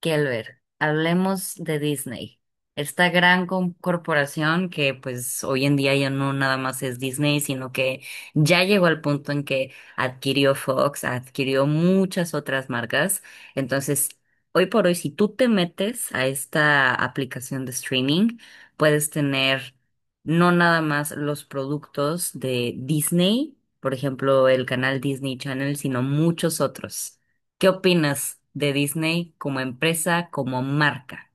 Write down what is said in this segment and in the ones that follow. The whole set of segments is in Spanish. Kelber, hablemos de Disney, esta gran corporación que pues hoy en día ya no nada más es Disney, sino que ya llegó al punto en que adquirió Fox, adquirió muchas otras marcas. Entonces, hoy por hoy, si tú te metes a esta aplicación de streaming, puedes tener no nada más los productos de Disney, por ejemplo, el canal Disney Channel, sino muchos otros. ¿Qué opinas de Disney como empresa, como marca?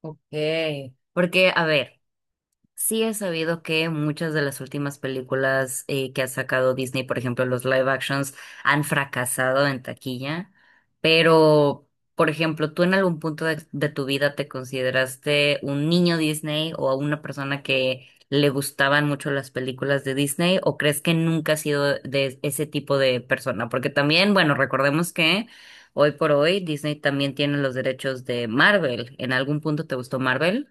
Ok. Porque, a ver, sí he sabido que muchas de las últimas películas que ha sacado Disney, por ejemplo, los live actions, han fracasado en taquilla, pero, por ejemplo, ¿tú en algún punto de tu vida te consideraste un niño Disney o una persona que le gustaban mucho las películas de Disney o crees que nunca has sido de ese tipo de persona? Porque también, bueno, recordemos que hoy por hoy Disney también tiene los derechos de Marvel. ¿En algún punto te gustó Marvel?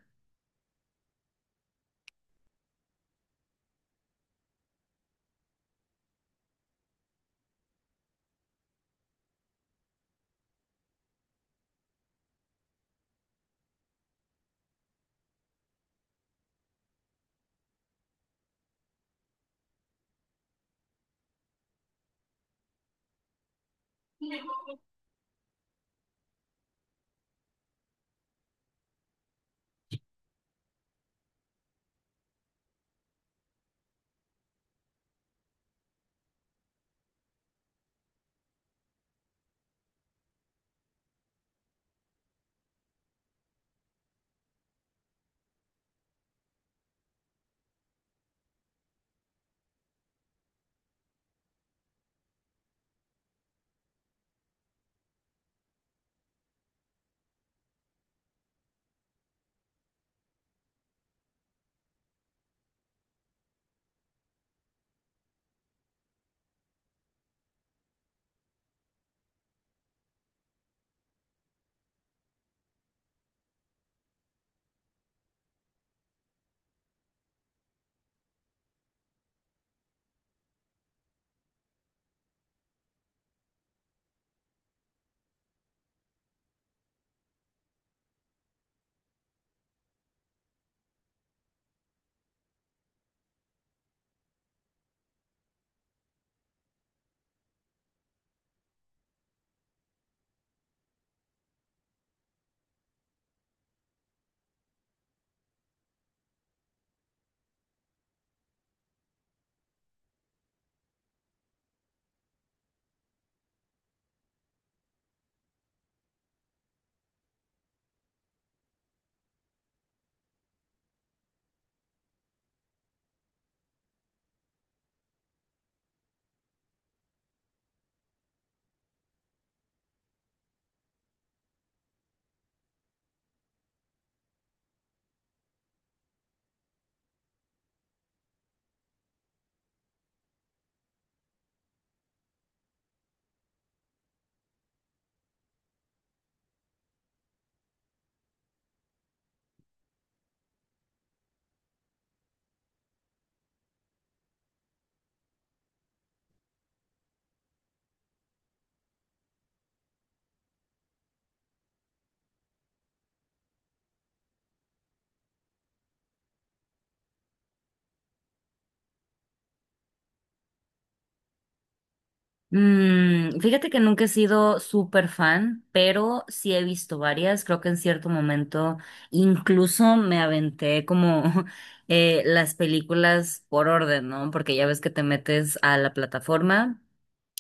Mm, fíjate que nunca he sido súper fan, pero sí he visto varias. Creo que en cierto momento incluso me aventé como las películas por orden, ¿no? Porque ya ves que te metes a la plataforma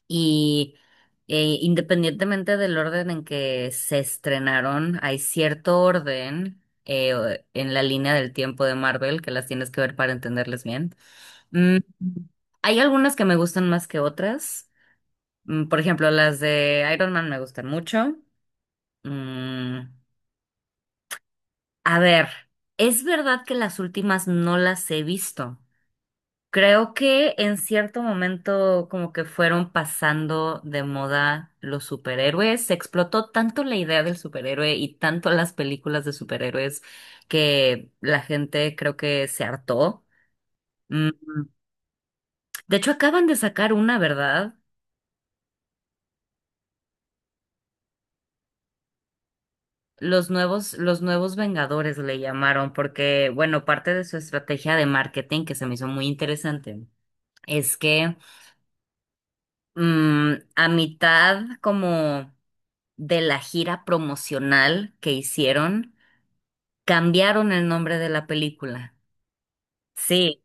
y independientemente del orden en que se estrenaron, hay cierto orden en la línea del tiempo de Marvel que las tienes que ver para entenderles bien. Mm, hay algunas que me gustan más que otras. Mm, por ejemplo, las de Iron Man me gustan mucho. Mm, a ver, es verdad que las últimas no las he visto. Creo que en cierto momento como que fueron pasando de moda los superhéroes. Se explotó tanto la idea del superhéroe y tanto las películas de superhéroes que la gente creo que se hartó. Mm. De hecho, acaban de sacar una, ¿verdad? Los nuevos Vengadores le llamaron, porque, bueno, parte de su estrategia de marketing que se me hizo muy interesante es que, a mitad como de la gira promocional que hicieron, cambiaron el nombre de la película. Sí,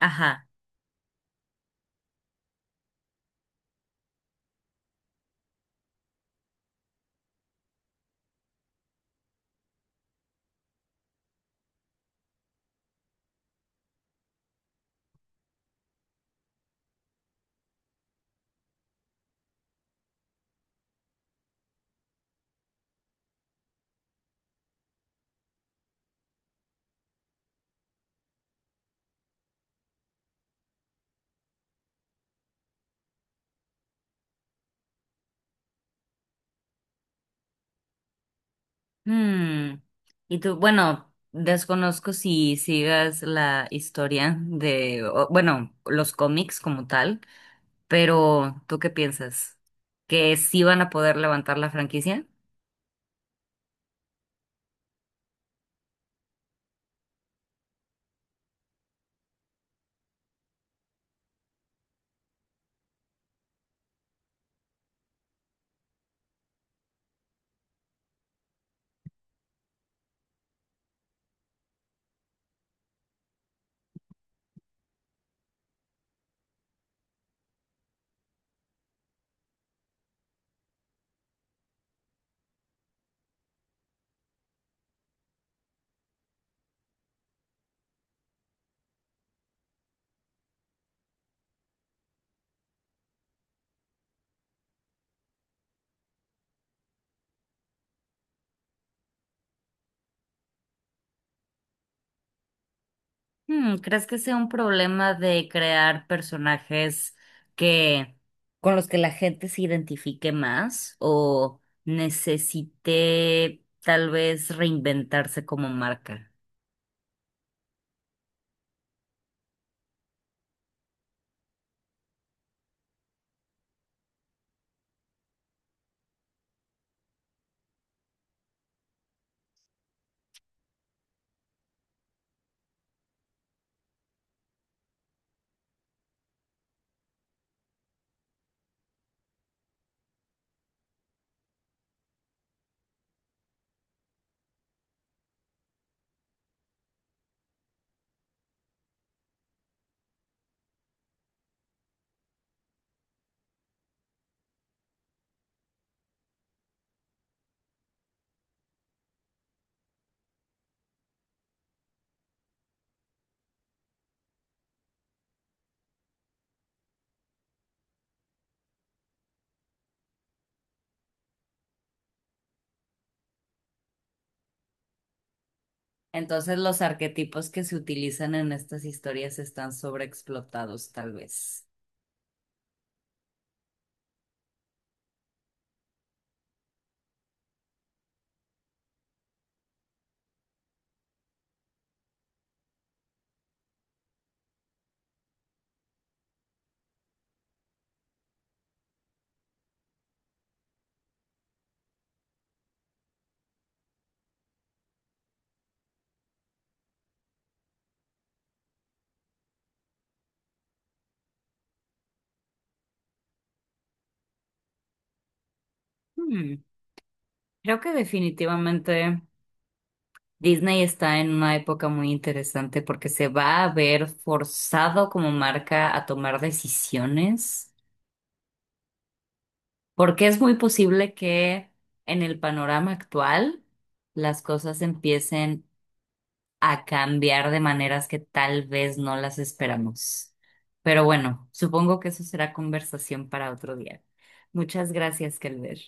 ajá. Hmm. Y tú, bueno, desconozco si sigas la historia de, o, bueno, los cómics como tal. Pero, ¿tú qué piensas? ¿Que sí van a poder levantar la franquicia? Hmm, ¿crees que sea un problema de crear personajes que con los que la gente se identifique más o necesite tal vez reinventarse como marca? Entonces los arquetipos que se utilizan en estas historias están sobreexplotados, tal vez. Hmm, creo que definitivamente. Disney está en una época muy interesante porque se va a ver forzado como marca a tomar decisiones, porque es muy posible que en el panorama actual las cosas empiecen a cambiar de maneras que tal vez no las esperamos. Pero bueno, supongo que eso será conversación para otro día. Muchas gracias, Kelber.